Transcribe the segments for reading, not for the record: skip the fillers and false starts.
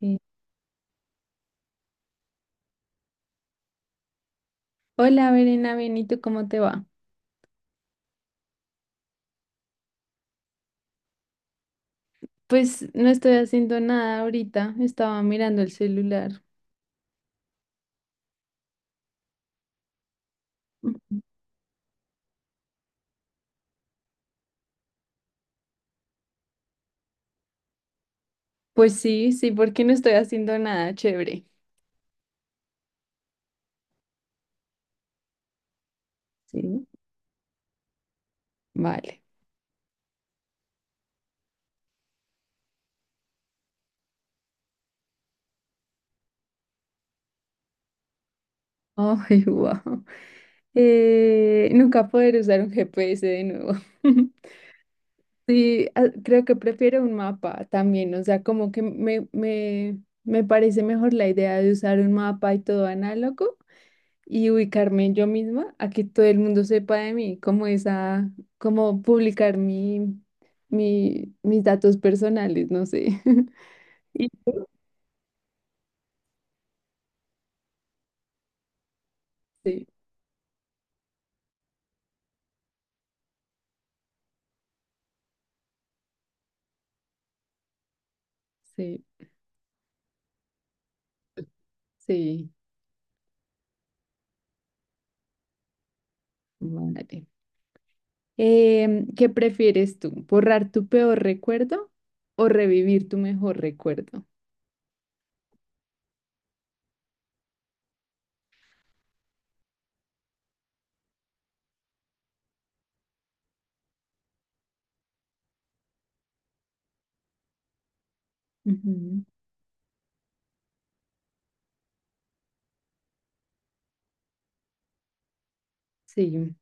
Sí. Hola, Verena, bien, ¿y tú cómo te va? Pues no estoy haciendo nada ahorita, estaba mirando el celular. Ujú. Pues sí, sí, porque no estoy haciendo nada, chévere. Sí, vale. Ay, wow. Nunca poder usar un GPS de nuevo. Sí, ah, creo que prefiero un mapa también, o sea, como que me parece mejor la idea de usar un mapa y todo análogo y ubicarme yo misma a que todo el mundo sepa de mí, como esa, como publicar mis datos personales, no sé. Y sí, sí, sí, vale. ¿Qué prefieres tú? ¿Borrar tu peor recuerdo o revivir tu mejor recuerdo? Ujú, sí.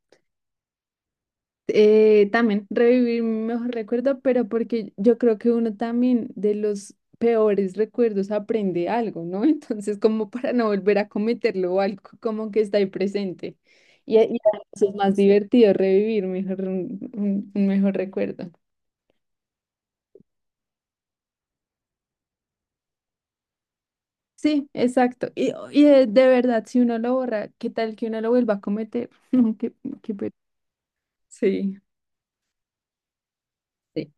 También revivir mi mejor recuerdo, pero porque yo creo que uno también de los peores recuerdos aprende algo, ¿no? Entonces, como para no volver a cometerlo o algo como que está ahí presente. Y además es más divertido revivir mejor, un mejor recuerdo. Sí, exacto. Y de verdad, si uno lo borra, ¿qué tal que uno lo vuelva a cometer? No, qué pe- Sí. Sí.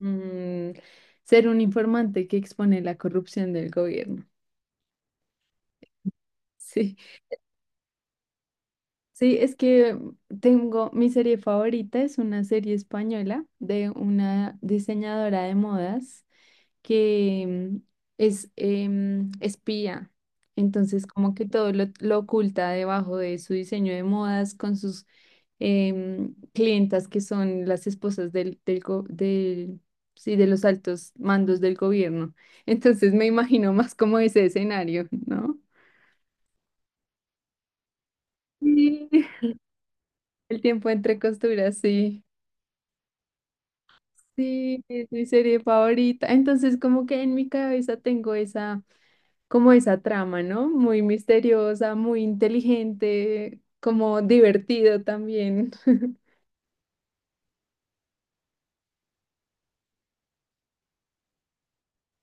Mm, ser un informante que expone la corrupción del gobierno. Sí. Sí, es que tengo mi serie favorita, es una serie española de una diseñadora de modas que es espía. Entonces, como que todo lo oculta debajo de su diseño de modas con sus clientas que son las esposas sí, de los altos mandos del gobierno. Entonces, me imagino más como ese escenario, ¿no? Sí. El tiempo entre costuras, sí. Sí, es mi serie favorita. Entonces, como que en mi cabeza tengo esa, como esa trama, ¿no? Muy misteriosa, muy inteligente, como divertido también.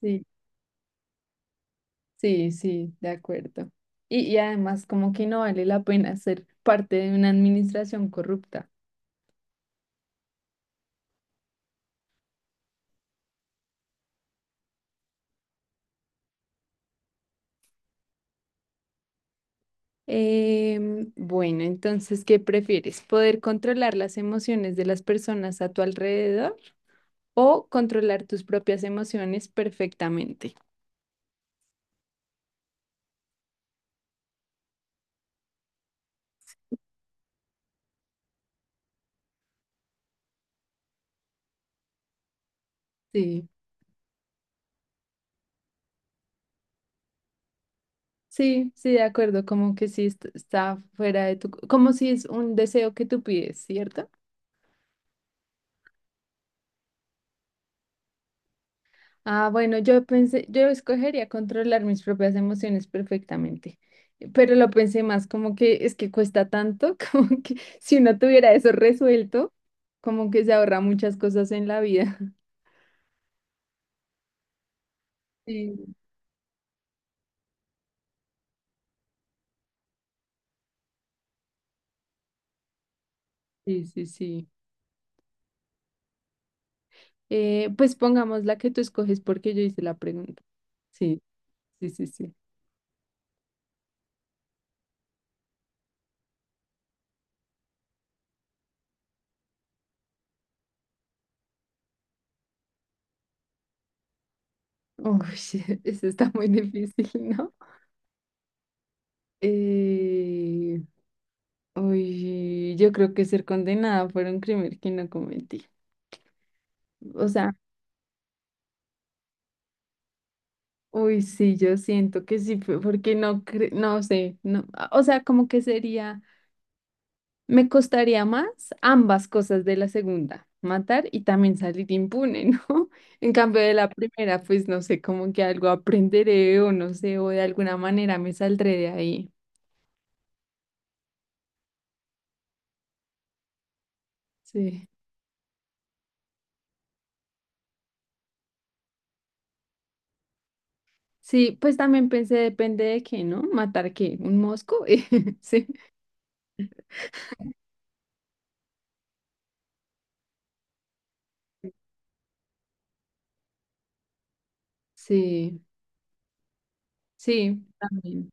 Sí, sí, sí, de acuerdo. Y además, como que no vale la pena ser parte de una administración corrupta. Bueno, entonces, ¿qué prefieres? ¿Poder controlar las emociones de las personas a tu alrededor o controlar tus propias emociones perfectamente? Sí. Sí, sí, de acuerdo, como que sí está fuera de tu, como si es un deseo que tú pides, ¿cierto? Ah, bueno, yo pensé, yo escogería controlar mis propias emociones perfectamente, pero lo pensé más como que es que cuesta tanto, como que si uno tuviera eso resuelto, como que se ahorra muchas cosas en la vida. Sí, sí, sí, sí. Pues pongamos la que tú escoges porque yo hice la pregunta. Sí, sí, sí, sí. Uy, eso está muy difícil, ¿no? Eh, Uy, yo creo que ser condenada por un crimen que no cometí. O sea, uy, sí, yo siento que sí, fue porque no, no sé, no, o sea, como que sería, me costaría más ambas cosas de la segunda, matar y también salir impune, ¿no? En cambio de la primera, pues no sé, como que algo aprenderé o no sé, o de alguna manera me saldré de ahí. Sí. Sí, pues también pensé, depende de qué, ¿no? ¿Matar qué? ¿Un mosco? Sí, sí. Sí, también.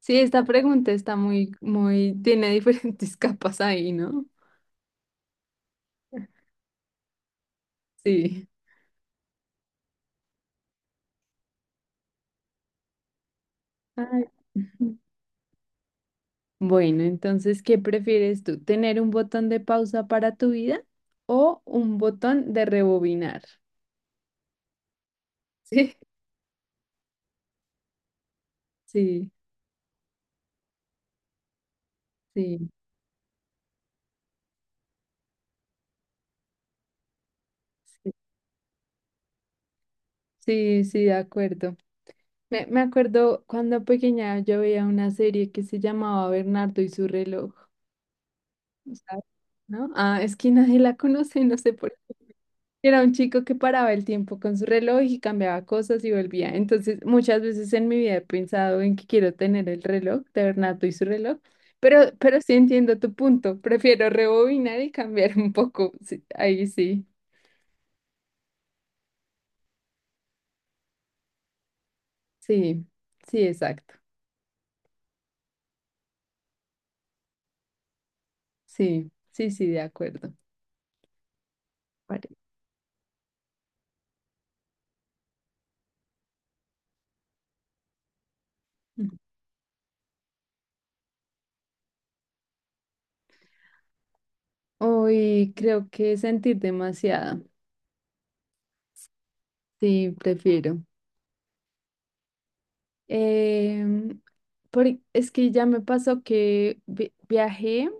Sí, esta pregunta está muy, muy, tiene diferentes capas ahí, ¿no? Sí. Ay. Bueno, entonces, ¿qué prefieres tú? ¿Tener un botón de pausa para tu vida o un botón de rebobinar? Sí, sí, sí, sí, sí, sí, de acuerdo. Me acuerdo cuando pequeña yo veía una serie que se llamaba Bernardo y su reloj, ¿sabes? ¿No? Ah, es que nadie la conoce, no sé por qué. Era un chico que paraba el tiempo con su reloj y cambiaba cosas y volvía. Entonces, muchas veces en mi vida he pensado en que quiero tener el reloj, de Bernato y su reloj, pero sí entiendo tu punto. Prefiero rebobinar y cambiar un poco. Sí, ahí sí, sí, sí, exacto. Sí, sí, sí, de acuerdo. Pare- Ujú. Hoy creo que sentir demasiado. Sí, prefiero. Em, por- es que ya me pasó que viajé.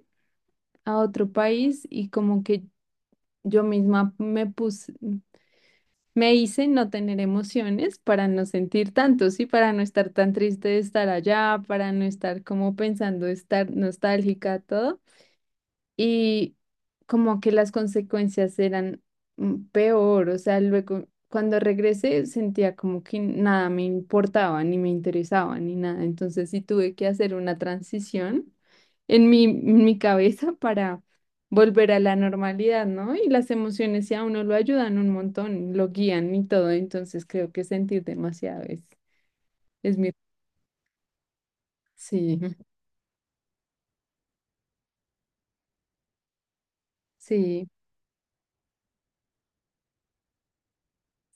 A otro país y como que yo misma me puse, me hice no tener emociones para no sentir tanto, sí, para no estar tan triste de estar allá, para no estar como pensando estar nostálgica, todo y como que las consecuencias eran peor, o sea, luego cuando regresé sentía como que nada me importaba, ni me interesaba, ni nada, entonces sí tuve que hacer una transición en mi cabeza para volver a la normalidad, ¿no? Y las emociones sí a uno lo ayudan un montón, lo guían y todo, entonces creo que sentir demasiado es mi. Sí, sí.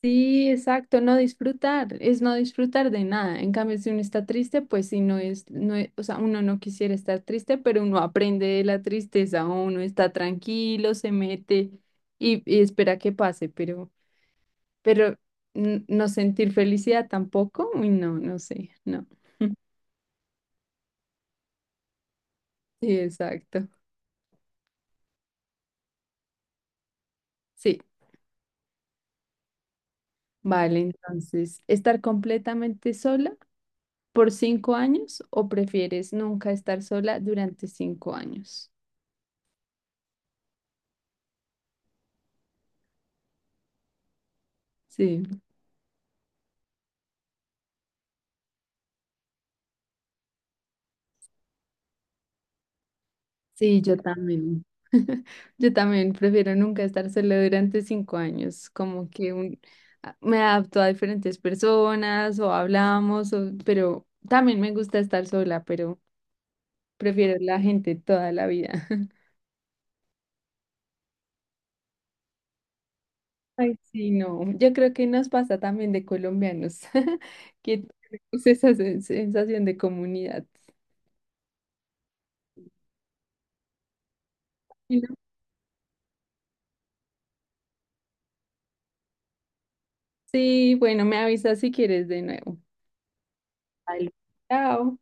Sí, exacto, no disfrutar, es no disfrutar de nada. En cambio, si uno está triste, pues si no es, o sea, uno no quisiera estar triste, pero uno aprende de la tristeza, uno está tranquilo, se mete y espera que pase, pero no sentir felicidad tampoco, uy, no, no sé, no. Sí, exacto. Sí, vale, entonces, ¿estar completamente sola por 5 años o prefieres nunca estar sola durante 5 años? Sí. Sí, yo también. Yo también prefiero nunca estar sola durante 5 años, como que me adapto a diferentes personas o hablamos, pero también me gusta estar sola, pero prefiero la gente toda la vida. Ay, sí, no, yo creo que nos pasa también de colombianos, que tenemos esa sensación de comunidad. Y no- Sí, bueno, me avisas si quieres de nuevo. Vale. Chao.